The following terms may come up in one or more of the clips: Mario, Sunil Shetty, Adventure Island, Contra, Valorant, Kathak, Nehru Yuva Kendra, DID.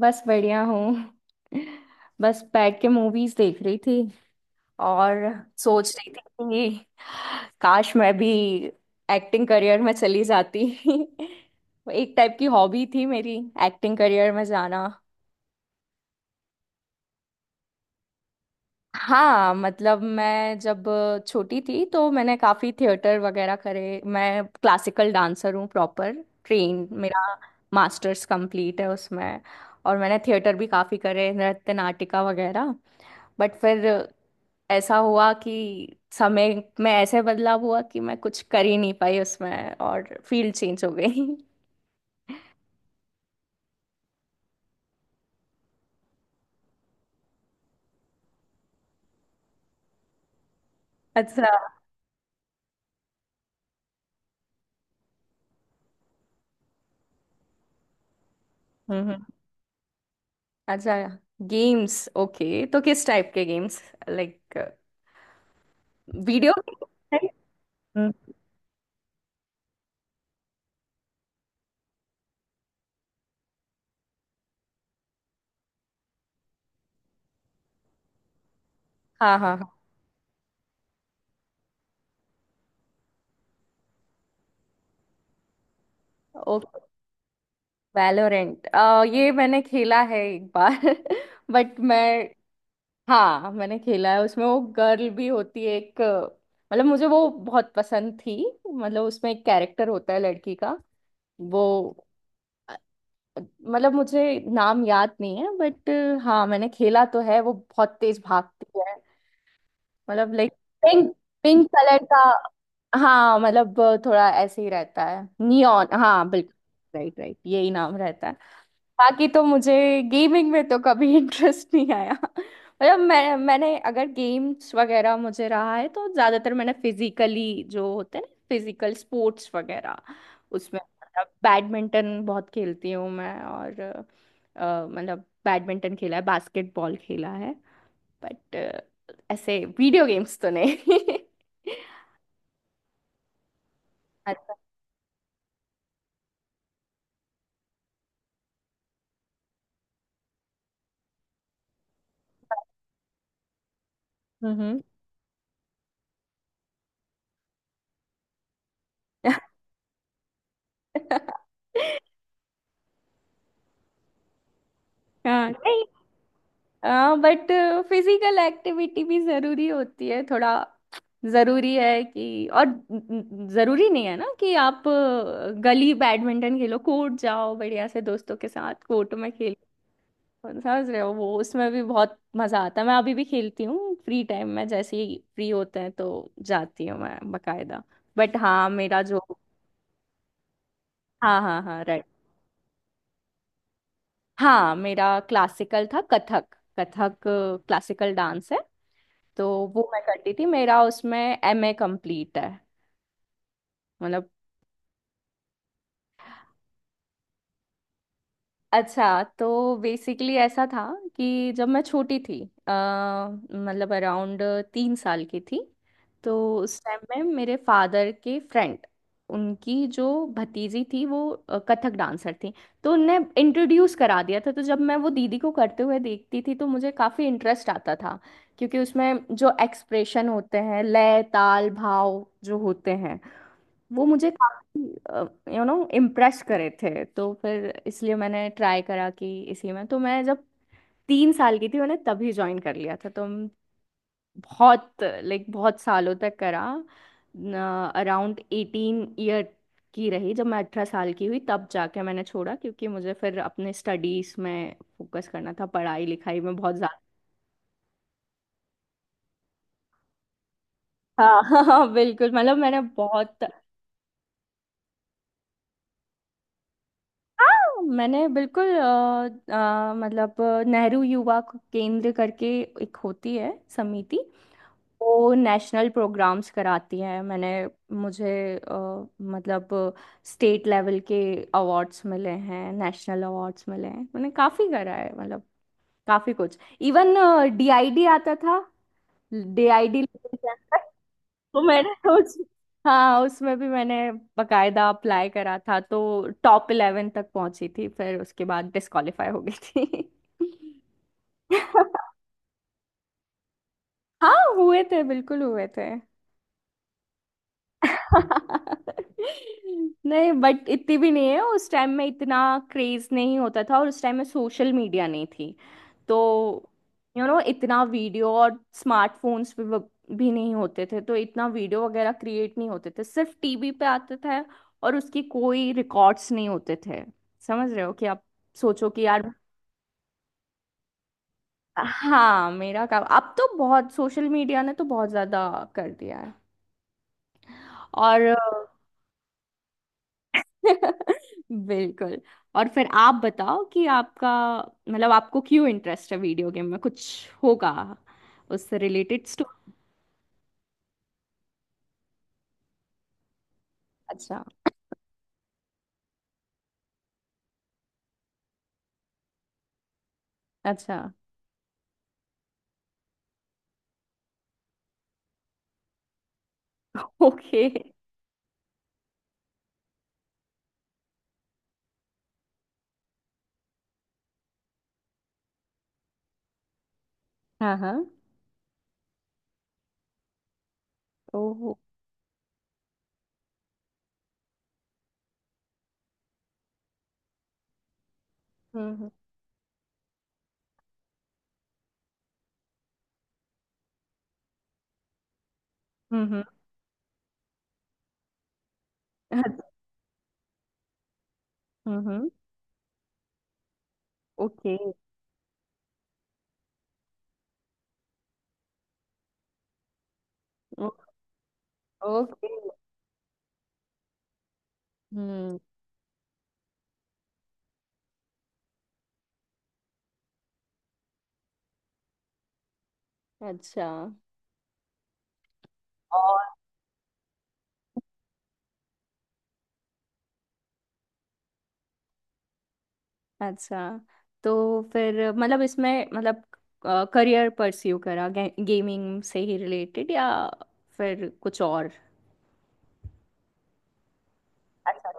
बस बढ़िया हूँ। बस बैठ के मूवीज देख रही थी और सोच रही थी कि काश मैं भी एक्टिंग करियर में चली जाती। एक टाइप की हॉबी थी मेरी, एक्टिंग करियर में जाना। हाँ, मतलब मैं जब छोटी थी तो मैंने काफी थिएटर वगैरह करे। मैं क्लासिकल डांसर हूँ, प्रॉपर ट्रेन। मेरा मास्टर्स कंप्लीट है उसमें, और मैंने थिएटर भी काफी करे, नृत्य नाटिका वगैरह। बट फिर ऐसा हुआ कि समय में ऐसे बदलाव हुआ कि मैं कुछ कर ही नहीं पाई उसमें और फील्ड चेंज हो गई। अच्छा। हम्म। हम्म। अच्छा, गेम्स। ओके, तो किस टाइप के गेम्स? Like, video? हम्म। हाँ हाँ हाँ। ओके। वैलोरेंट, ये मैंने खेला है एक बार। बट मैं, हाँ मैंने खेला है। उसमें वो गर्ल भी होती है एक, मतलब मुझे वो बहुत पसंद थी। मतलब उसमें एक कैरेक्टर होता है लड़की का, वो, मतलब मुझे नाम याद नहीं है बट हाँ, मैंने खेला तो है। वो बहुत तेज भागती है, मतलब लाइक पिंक, पिंक कलर का। हाँ, मतलब थोड़ा ऐसे ही रहता है, नियॉन, हाँ बिल्कुल। राइट राइट, यही नाम रहता है। बाकी तो मुझे गेमिंग में तो कभी इंटरेस्ट नहीं आया। मतलब मैंने अगर गेम्स वगैरह मुझे रहा है तो ज्यादातर मैंने फिजिकली जो होते हैं ना, फिजिकल स्पोर्ट्स वगैरह। उसमें मतलब बैडमिंटन बहुत खेलती हूँ मैं, और मतलब बैडमिंटन खेला है, बास्केटबॉल खेला है। बट ऐसे वीडियो गेम्स तो नहीं। अच्छा। हम्म। हाँ, नहीं, हाँ बट फिजिकल एक्टिविटी भी जरूरी होती है थोड़ा, जरूरी है कि, और जरूरी नहीं है ना कि आप, गली बैडमिंटन खेलो, कोर्ट जाओ बढ़िया से दोस्तों के साथ कोर्ट में खेलो। समझ रहे हो, वो उसमें भी बहुत मजा आता है। मैं अभी भी खेलती हूँ फ्री टाइम में, जैसे ही फ्री होते हैं तो जाती हूँ मैं बकायदा। बट हाँ, मेरा जो। हाँ हाँ हाँ, राइट। हाँ, मेरा क्लासिकल था कथक। कथक क्लासिकल डांस है, तो वो मैं करती थी। मेरा उसमें एमए कंप्लीट है, मतलब। अच्छा, तो बेसिकली ऐसा था कि जब मैं छोटी थी, मतलब अराउंड 3 साल की थी, तो उस टाइम में मेरे फादर के फ्रेंड, उनकी जो भतीजी थी वो कथक डांसर थी, तो उनने इंट्रोड्यूस करा दिया था। तो जब मैं वो दीदी को करते हुए देखती थी तो मुझे काफ़ी इंटरेस्ट आता था, क्योंकि उसमें जो एक्सप्रेशन होते हैं, लय ताल भाव जो होते हैं, वो मुझे काफी, इम्प्रेस करे थे। तो फिर इसलिए मैंने ट्राई करा कि इसी में। तो मैं जब 3 साल की थी, मैंने तभी ज्वाइन कर लिया था, तो हम बहुत, लाइक बहुत सालों तक करा। अराउंड 18 ईयर की रही, जब मैं 18 साल की हुई तब जाके मैंने छोड़ा, क्योंकि मुझे फिर अपने स्टडीज में फोकस करना था, पढ़ाई लिखाई में बहुत ज्यादा। हाँ। हाँ बिल्कुल, मतलब मैंने बहुत। हाँ मैंने बिल्कुल, मतलब नेहरू युवा केंद्र करके एक होती है समिति, वो नेशनल प्रोग्राम्स कराती है। मैंने, मुझे, मतलब स्टेट लेवल के अवार्ड्स मिले हैं, नेशनल अवार्ड्स मिले हैं। मैंने काफ़ी करा है, मतलब काफ़ी कुछ। इवन डीआईडी आता था। डीआईडी। तो मैंने उस, हाँ उसमें भी मैंने बकायदा अप्लाई करा था, तो टॉप 11 तक पहुंची थी, फिर उसके बाद डिस्क्वालीफाई हो गई थी। हाँ हुए थे, बिल्कुल हुए थे। नहीं बट इतनी भी नहीं है। उस टाइम में इतना क्रेज नहीं होता था, और उस टाइम में सोशल मीडिया नहीं थी, तो इतना वीडियो और स्मार्टफोन्स भी नहीं होते थे, तो इतना वीडियो वगैरह क्रिएट नहीं होते थे, सिर्फ टीवी पे आते थे, और उसकी कोई रिकॉर्ड्स नहीं होते थे। समझ रहे हो कि आप सोचो कि यार। हाँ, मेरा काम, अब तो बहुत सोशल मीडिया ने तो बहुत ज्यादा कर दिया है। और बिल्कुल। और फिर आप बताओ कि आपका, मतलब आपको क्यों इंटरेस्ट है वीडियो गेम में? कुछ होगा उससे रिलेटेड स्टोरी। अच्छा। अच्छा। ओके। हाँ हाँ। ओहो। हम्म हम्म हम्म। Okay okay. हम्म। अच्छा। और? अच्छा, तो फिर मतलब इसमें, मतलब करियर परस्यू करा गेमिंग से ही रिलेटेड, या फिर कुछ और? अच्छा।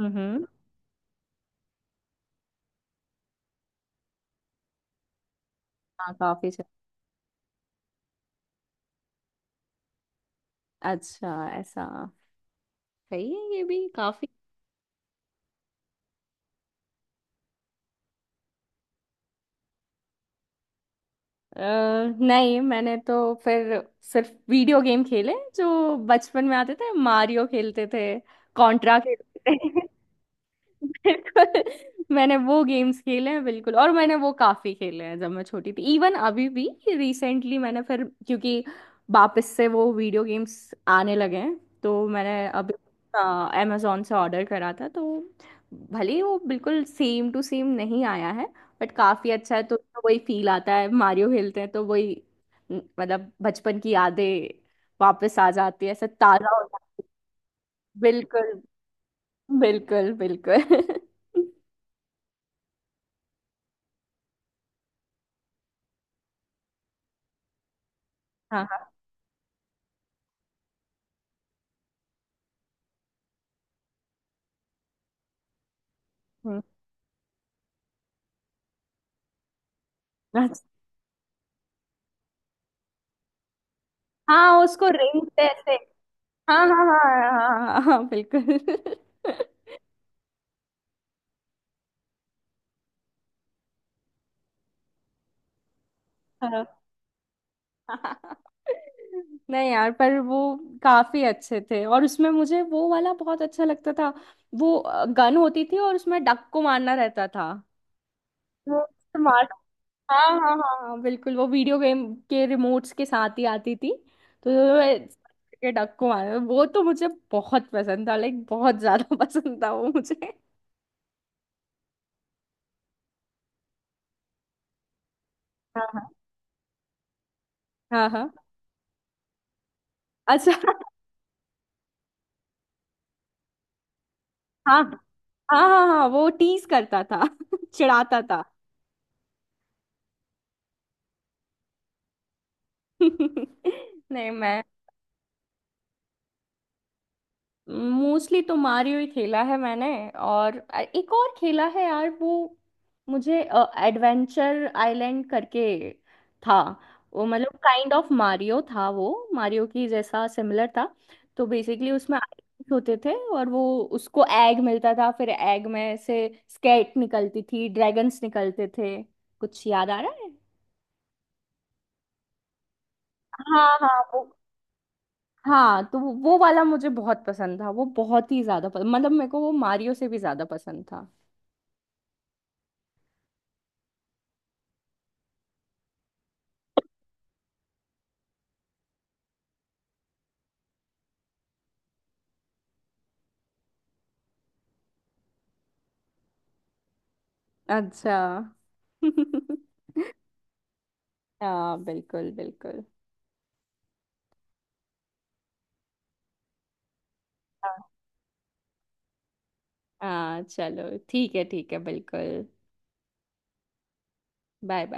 हम्म। हाँ काफी अच्छा, ऐसा। सही है, ये भी काफी। अ, नहीं, मैंने तो फिर सिर्फ वीडियो गेम खेले जो बचपन में आते थे, मारियो खेलते थे, कॉन्ट्रा खेलते थे। बिल्कुल, मैंने वो गेम्स खेले हैं बिल्कुल, और मैंने वो काफी खेले हैं जब मैं छोटी थी। इवन अभी भी, रिसेंटली मैंने फिर, क्योंकि वापस से वो वीडियो गेम्स आने लगे हैं, तो मैंने अभी अमेजोन से ऑर्डर करा था, तो भले ही वो बिल्कुल सेम टू सेम नहीं आया है बट काफी अच्छा है, तो उसमें वही फील आता है। मारियो खेलते हैं तो वही, मतलब बचपन की यादें वापस आ जाती है, ऐसा ताजा हो जाती है। बिल्कुल बिल्कुल बिल्कुल। हाँ हाँ। हम्म। अच्छा। हाँ, उसको रिंग से ऐसे। हाँ हाँ हाँ हाँ हाँ हाँ, बिल्कुल। हाँ। हाँ, हाँ, हाँ। नहीं यार, पर वो काफी अच्छे थे, और उसमें मुझे वो वाला बहुत अच्छा लगता था। वो गन होती थी और उसमें डक को मारना रहता था। वो स्मार्ट, हाँ हाँ हाँ हाँ बिल्कुल, वो वीडियो गेम के रिमोट्स के साथ ही आती थी। तो मैं, के डक को मारना, वो तो मुझे बहुत पसंद था, लाइक बहुत ज्यादा पसंद था वो मुझे। हाँ हाँ हाँ हाँ। अच्छा। हाँ हाँ हाँ हाँ, वो टीज करता था, चिढ़ाता था। नहीं मैं, मोस्टली तो मारियो ही खेला है मैंने। और एक और खेला है यार वो, मुझे एडवेंचर आइलैंड करके था वो, मतलब काइंड ऑफ मारियो था वो, मारियो की जैसा सिमिलर था। तो बेसिकली उसमें islands होते थे, और वो, उसको एग मिलता था, फिर एग में से स्केट निकलती थी, ड्रैगन्स निकलते थे। कुछ याद आ रहा है? हाँ हाँ, वो, हाँ, तो वो वाला मुझे बहुत पसंद था, वो बहुत ही ज्यादा पसंद, मतलब मेरे को वो मारियो से भी ज्यादा पसंद था। अच्छा। हाँ बिल्कुल बिल्कुल। हाँ। हाँ चलो ठीक है, ठीक है बिल्कुल। Bye bye.